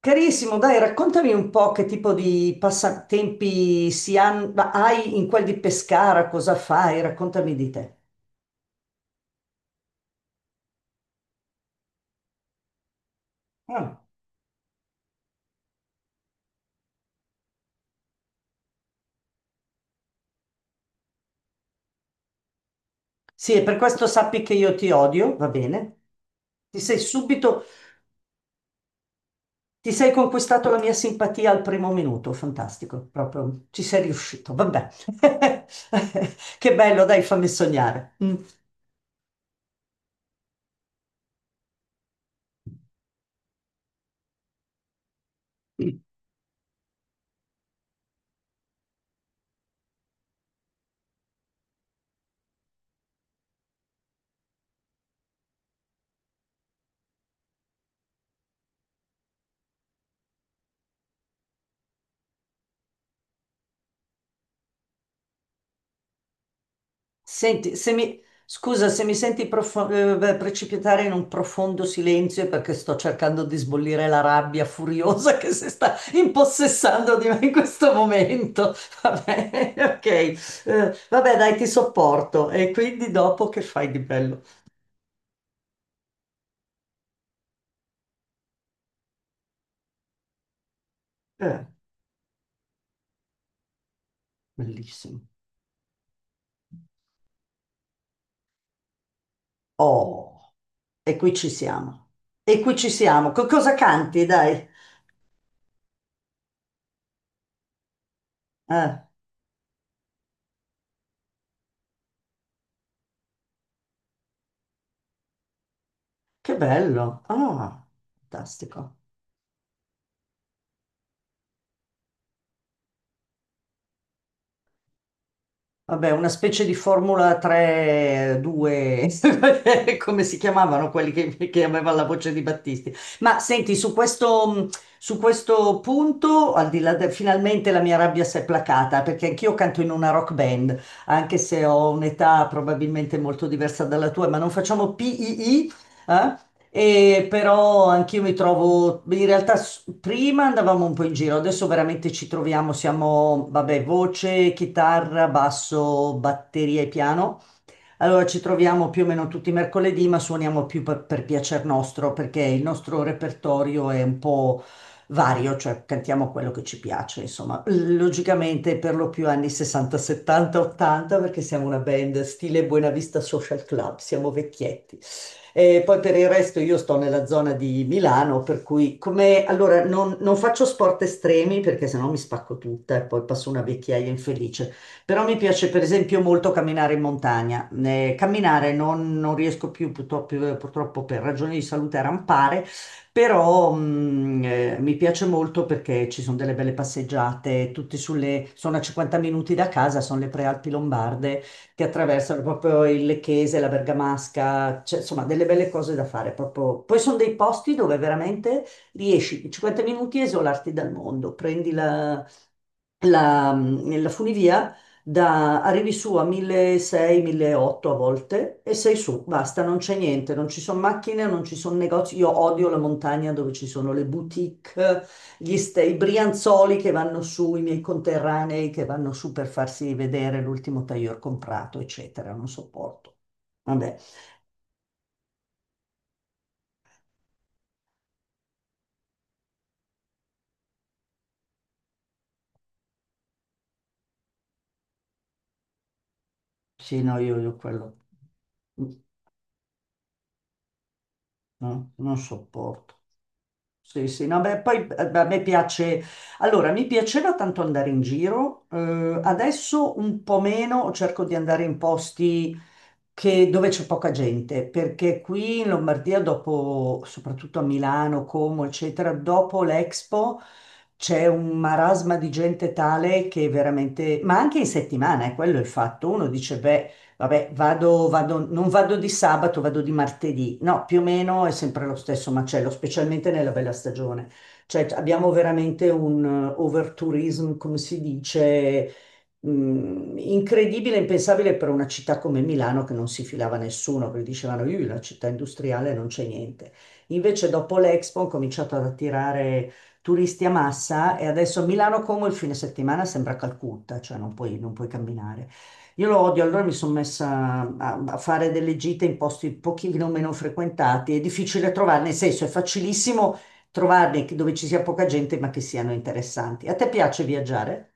Carissimo, dai, raccontami un po' che tipo di passatempi ma hai in quel di Pescara, cosa fai? Raccontami di te. Ah. Sì, e per questo sappi che io ti odio, va bene? Ti sei subito, ti sei conquistato la mia simpatia al primo minuto, fantastico, proprio ci sei riuscito, vabbè. Che bello, dai, fammi sognare. Mm. Senti, se mi, scusa se mi senti beh, precipitare in un profondo silenzio è perché sto cercando di sbollire la rabbia furiosa che si sta impossessando di me in questo momento. Vabbè, ok. Vabbè, dai, ti sopporto. E quindi dopo che fai di bello? Eh, bellissimo. Oh, e qui ci siamo. E qui ci siamo. Cosa canti, dai? Eh, che bello. Ah, fantastico. Vabbè, una specie di Formula 3, 2, come si chiamavano quelli che aveva la voce di Battisti. Ma senti, su questo punto, al di là de- finalmente la mia rabbia si è placata, perché anch'io canto in una rock band, anche se ho un'età probabilmente molto diversa dalla tua, ma non facciamo PII, eh? E però anch'io mi trovo, in realtà prima andavamo un po' in giro, adesso veramente ci troviamo, siamo, vabbè, voce, chitarra, basso, batteria e piano. Allora ci troviamo più o meno tutti i mercoledì, ma suoniamo più per piacer nostro, perché il nostro repertorio è un po' vario, cioè cantiamo quello che ci piace, insomma. Logicamente per lo più anni 60, 70, 80, perché siamo una band stile Buena Vista Social Club, siamo vecchietti. E poi per il resto io sto nella zona di Milano, per cui come allora non faccio sport estremi perché sennò mi spacco tutta e poi passo una vecchiaia infelice. Però mi piace per esempio molto camminare in montagna. Camminare non riesco più purtroppo, purtroppo, per ragioni di salute a rampare, però mi piace molto perché ci sono delle belle passeggiate, tutte sulle, sono a 50 minuti da casa, sono le prealpi lombarde che attraversano proprio il Lecchese, la Bergamasca, cioè, insomma delle belle cose da fare proprio. Poi sono dei posti dove veramente riesci in 50 minuti a isolarti dal mondo, prendi la funivia da, arrivi su a 1600, 1800 a volte e sei su, basta, non c'è niente, non ci sono macchine, non ci sono negozi. Io odio la montagna dove ci sono le boutique, i brianzoli che vanno su, i miei conterranei che vanno su per farsi vedere l'ultimo tailleur comprato, eccetera, non sopporto. Vabbè, sì, no, io quello, mm, no, non sopporto. Sì, sì, no, beh, poi a me piace, allora mi piaceva tanto andare in giro, adesso un po' meno, cerco di andare in posti dove c'è poca gente, perché qui in Lombardia, dopo, soprattutto a Milano, Como, eccetera, dopo l'Expo c'è un marasma di gente tale che veramente, ma anche in settimana, è quello il fatto. Uno dice, beh, vabbè, vado, non vado di sabato, vado di martedì. No, più o meno è sempre lo stesso macello, specialmente nella bella stagione. Cioè, abbiamo veramente un overtourism, come si dice, incredibile, impensabile per una città come Milano che non si filava nessuno, perché dicevano, io la città industriale non c'è niente. Invece dopo l'Expo ho cominciato ad attirare turisti a massa e adesso Milano Como il fine settimana sembra Calcutta, cioè non puoi camminare. Io lo odio, allora mi sono messa a fare delle gite in posti un pochino meno frequentati. È difficile trovarne, nel senso è facilissimo trovarne dove ci sia poca gente ma che siano interessanti. A te piace viaggiare?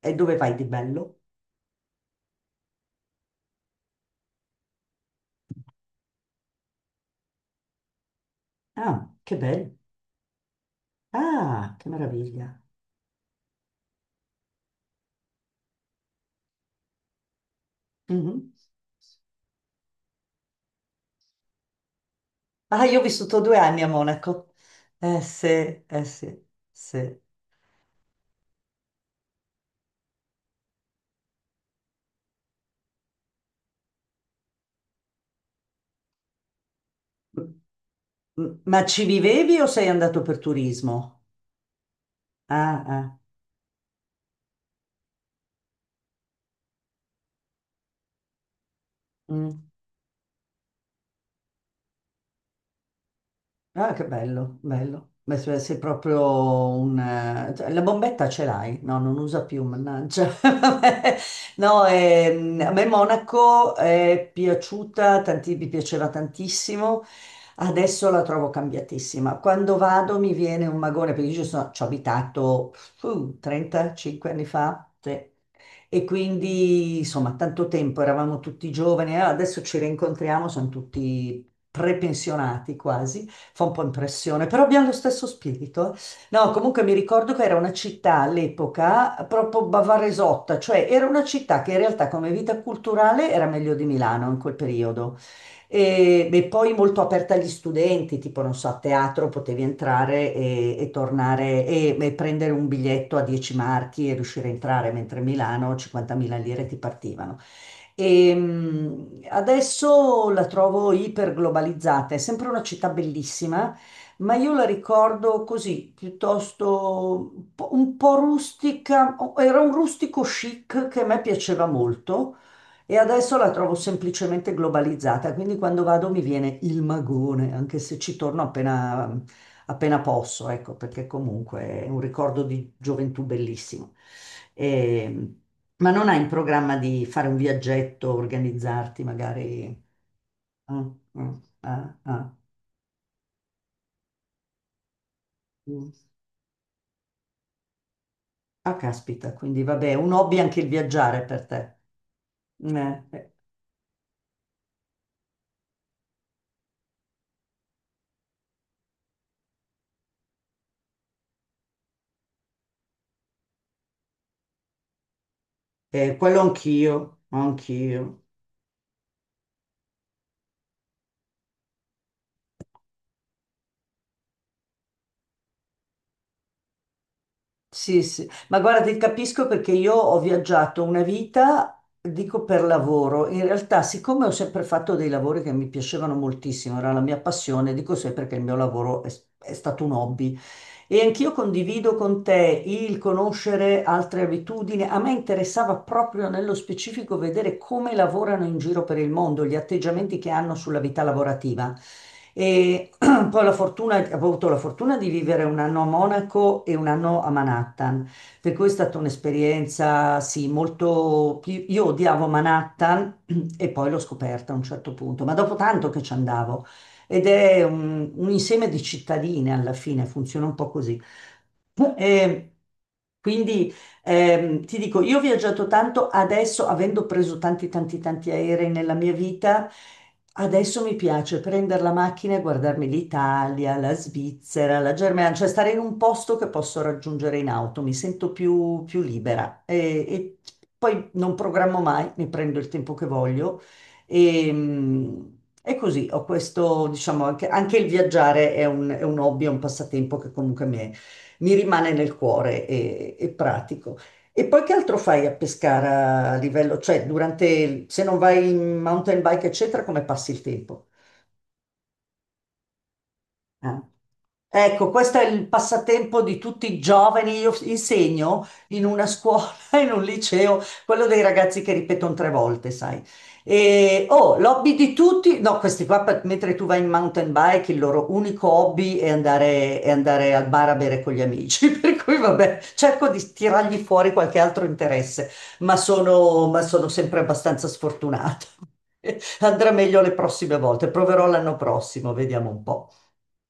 E dove vai di bello? Ah, che bello. Ah, che meraviglia. Mhm. Ah, io ho vissuto 2 anni a Monaco. Eh sì, eh sì, sì. Ma ci vivevi o sei andato per turismo? Ah, ah, mm. Ah, che bello, bello. Beh, sei proprio un cioè, la bombetta ce l'hai? No, non usa più, mannaggia. Vabbè. No, a me Monaco è piaciuta, mi piaceva tantissimo. Adesso la trovo cambiatissima. Quando vado mi viene un magone, perché io ci ho abitato 35 anni fa. Sì. E quindi, insomma, tanto tempo, eravamo tutti giovani, adesso ci rincontriamo, sono tutti prepensionati quasi, fa un po' impressione, però abbiamo lo stesso spirito. No, comunque mi ricordo che era una città all'epoca proprio bavaresotta, cioè era una città che in realtà come vita culturale era meglio di Milano in quel periodo. E poi molto aperta agli studenti, tipo non so, a teatro potevi entrare e tornare e prendere un biglietto a 10 marchi e riuscire a entrare, mentre a Milano 50.000 lire ti partivano. E adesso la trovo iperglobalizzata, è sempre una città bellissima, ma io la ricordo così, piuttosto un po' rustica, era un rustico chic che a me piaceva molto e adesso la trovo semplicemente globalizzata, quindi quando vado mi viene il magone, anche se ci torno appena posso, ecco, perché comunque è un ricordo di gioventù bellissimo. E, ma non hai in programma di fare un viaggetto, organizzarti magari? Mm, mm, ah, ah, mm. Ah, caspita, quindi vabbè, un hobby anche il viaggiare per te. Eh, eh, quello anch'io, anch'io. Sì, sì, ma guarda, ti capisco perché io ho viaggiato una vita, dico per lavoro. In realtà, siccome ho sempre fatto dei lavori che mi piacevano moltissimo, era la mia passione, dico sempre che il mio lavoro è stato un hobby. E anch'io condivido con te il conoscere altre abitudini. A me interessava proprio nello specifico vedere come lavorano in giro per il mondo, gli atteggiamenti che hanno sulla vita lavorativa. E poi ho avuto la fortuna di vivere un anno a Monaco e un anno a Manhattan, per cui è stata un'esperienza, sì, molto. Io odiavo Manhattan e poi l'ho scoperta a un certo punto, ma dopo tanto che ci andavo ed è un insieme di cittadine alla fine, funziona un po' così. E quindi ti dico, io ho viaggiato tanto, adesso avendo preso tanti tanti tanti aerei nella mia vita, adesso mi piace prendere la macchina e guardarmi l'Italia, la Svizzera, la Germania, cioè stare in un posto che posso raggiungere in auto, mi sento più libera e, poi non programmo mai, mi prendo il tempo che voglio e, e così ho questo, diciamo, anche il viaggiare è un hobby, è un passatempo che comunque mi rimane nel cuore e pratico. E poi che altro fai a Pescara a livello, cioè durante, se non vai in mountain bike, eccetera, come passi il tempo? Eh. Ecco, questo è il passatempo di tutti i giovani. Io insegno in una scuola, in un liceo, quello dei ragazzi che ripetono tre volte, sai. E, oh, l'hobby di tutti, no, questi qua, mentre tu vai in mountain bike, il loro unico hobby è andare, al bar a bere con gli amici. Per cui, vabbè, cerco di tirargli fuori qualche altro interesse, ma sono sempre abbastanza sfortunata. Andrà meglio le prossime volte, proverò l'anno prossimo, vediamo un po'.